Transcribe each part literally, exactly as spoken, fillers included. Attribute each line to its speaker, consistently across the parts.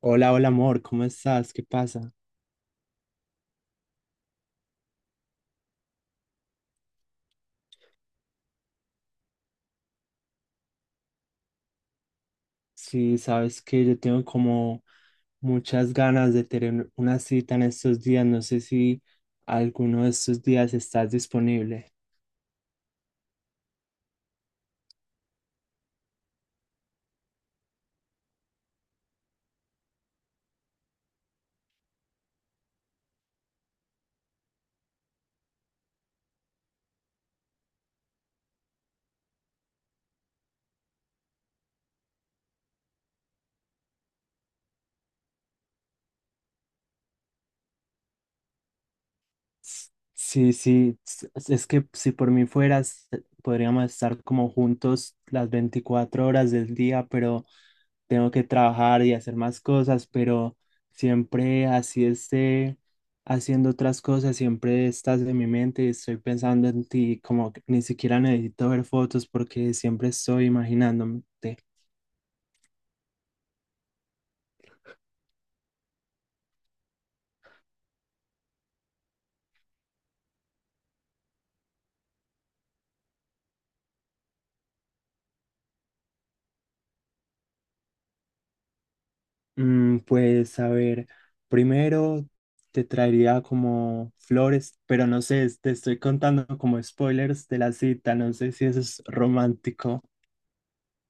Speaker 1: Hola, hola amor, ¿cómo estás? ¿Qué pasa? Sí, sabes que yo tengo como muchas ganas de tener una cita en estos días. No sé si alguno de estos días estás disponible. S- Sí, sí, s- es que si por mí fueras, podríamos estar como juntos las veinticuatro horas del día, pero tengo que trabajar y hacer más cosas, pero siempre así esté haciendo otras cosas, siempre estás en mi mente y estoy pensando en ti, como que ni siquiera necesito ver fotos porque siempre estoy imaginándote. Mm, pues a ver, primero te traería como flores, pero no sé, te estoy contando como spoilers de la cita, no sé si eso es romántico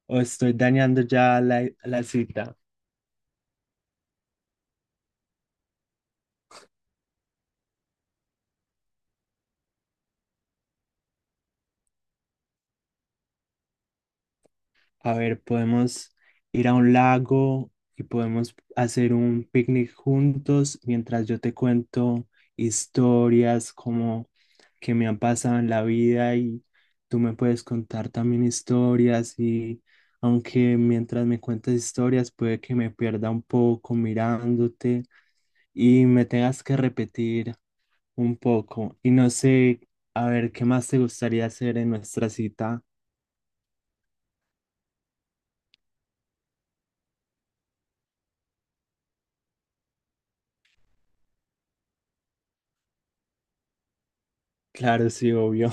Speaker 1: o estoy dañando ya la la cita. A ver, podemos ir a un lago y podemos hacer un picnic juntos mientras yo te cuento historias como que me han pasado en la vida y tú me puedes contar también historias y aunque mientras me cuentas historias puede que me pierda un poco mirándote y me tengas que repetir un poco y no sé, a ver, ¿qué más te gustaría hacer en nuestra cita? Claro, sí, obvio.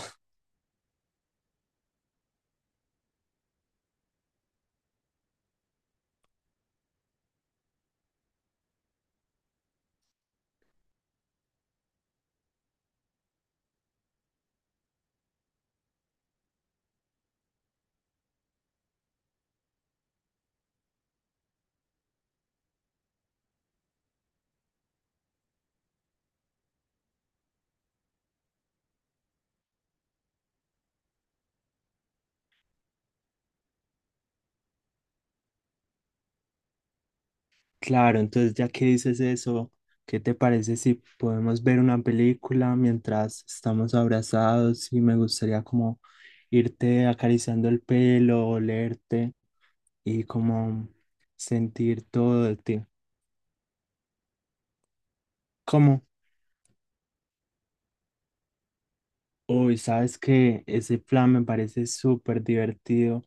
Speaker 1: Claro, entonces ya que dices eso, ¿qué te parece si podemos ver una película mientras estamos abrazados y me gustaría como irte acariciando el pelo, olerte y como sentir todo de ti? ¿Cómo? Uy, sabes que ese plan me parece súper divertido.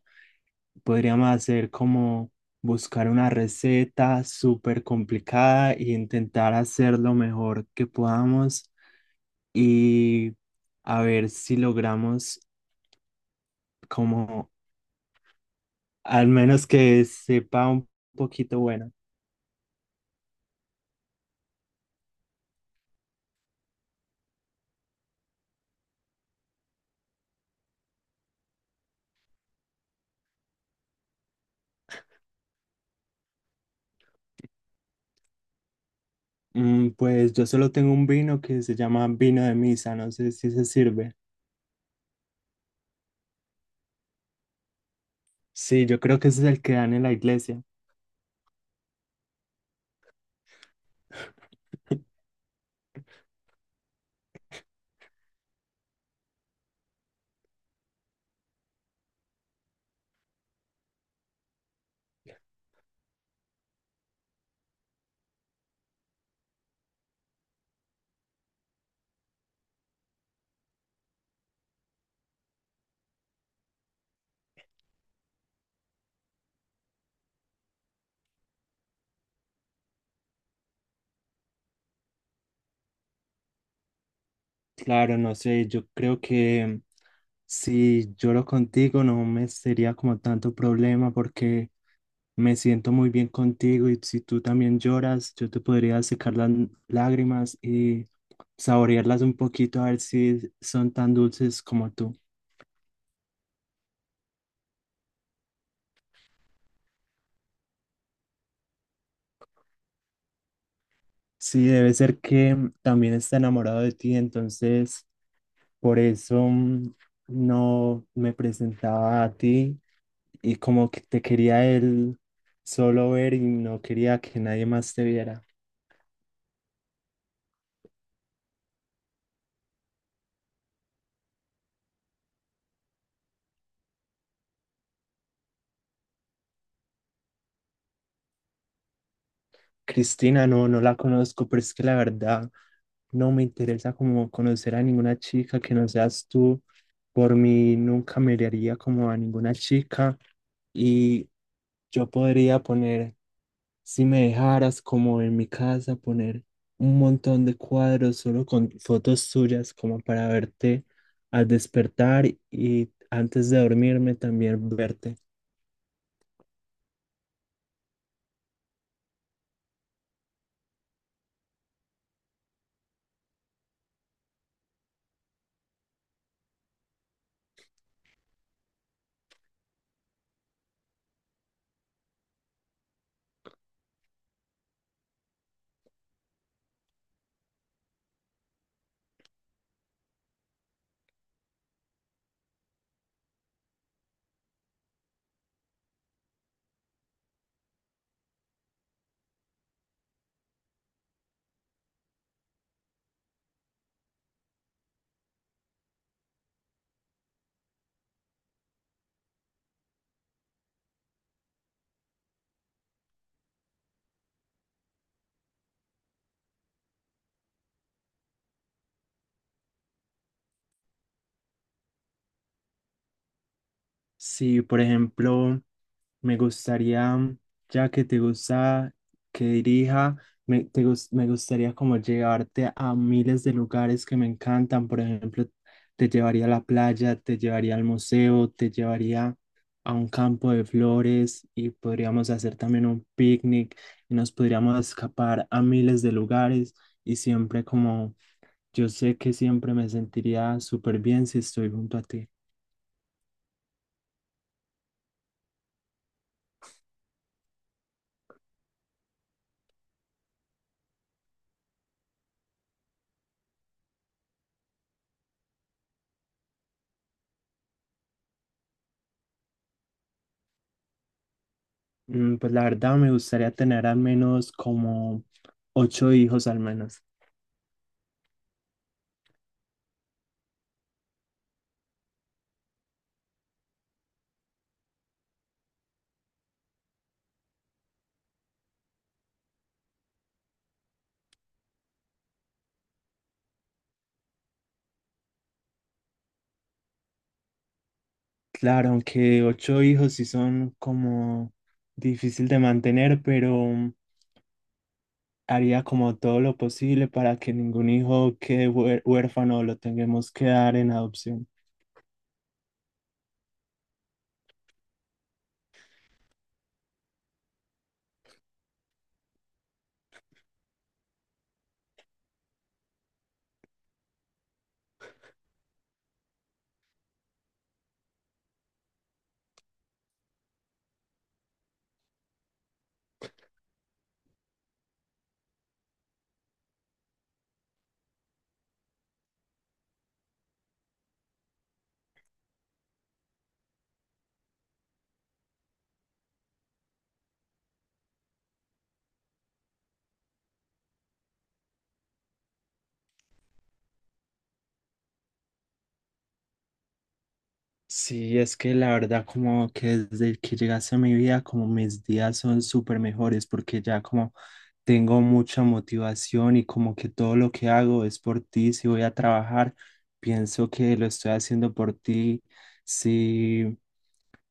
Speaker 1: Podríamos hacer como buscar una receta súper complicada e intentar hacer lo mejor que podamos y a ver si logramos como al menos que sepa un poquito bueno. Mm, Pues yo solo tengo un vino que se llama vino de misa, no sé si se sirve. Sí, yo creo que ese es el que dan en la iglesia. Claro, no sé, yo creo que si yo lo contigo no me sería como tanto problema porque me siento muy bien contigo y si tú también lloras, yo te podría secar las n- lágrimas y saborearlas un poquito a ver si son tan dulces como tú. Sí, debe ser que también está enamorado de ti, entonces por eso mm, no me presentaba a ti y como que te quería él solo ver y no quería que nadie más te viera. Cristina, no, no la conozco, pero es que la verdad no me interesa como conocer a ninguna chica que no seas tú. Por mí nunca me daría como a ninguna chica y yo podría poner, si me dejaras como en mi casa, poner un montón de cuadros solo con fotos tuyas como para verte al despertar y antes de dormirme también verte. Si, por ejemplo, me gustaría, mm, ya que te gusta que dirija, me, te gus- me gustaría como llevarte a miles de lugares que me encantan. Por ejemplo, te llevaría a la playa, te llevaría al museo, te llevaría a un campo de flores y podríamos hacer también un picnic y nos podríamos escapar a miles de lugares y siempre como yo sé que siempre me sentiría súper bien si estoy junto a ti. Mm, Pues la verdad me gustaría tener al menos como ocho hijos al menos. Claro, aunque ocho hijos sí son como difícil de mantener, pero haría como todo lo posible para que ningún hijo quede hué- huérfano o lo tengamos que dar en adopción. Sí, es que la verdad como que desde que llegase a mi vida como mis días son súper mejores porque ya como tengo mucha motivación y como que todo lo que hago es por ti. Si voy a trabajar, pienso que lo estoy haciendo por ti. Si,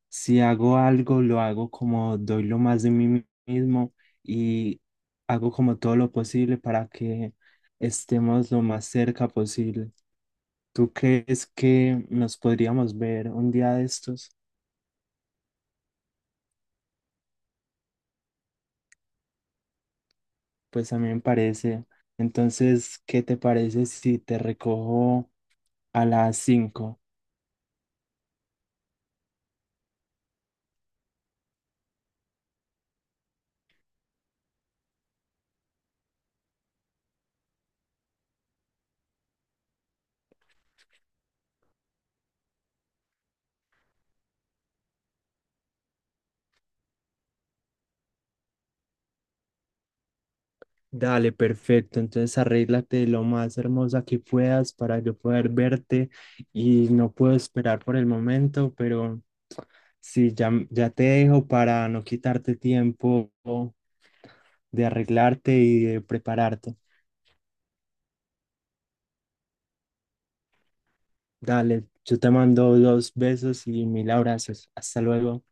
Speaker 1: si hago algo, lo hago como doy lo más de mí mismo y hago como todo lo posible para que estemos lo más cerca posible. ¿Tú crees que nos podríamos ver un día de estos? Pues a mí me parece. Entonces, ¿qué te parece si te recojo a las cinco? Dale, perfecto. Entonces arréglate lo más hermosa que puedas para yo poder verte y no puedo esperar por el momento, pero sí, ya, ya te dejo para no quitarte tiempo de arreglarte y de prepararte. Dale, yo te mando dos besos y mil abrazos. Hasta luego.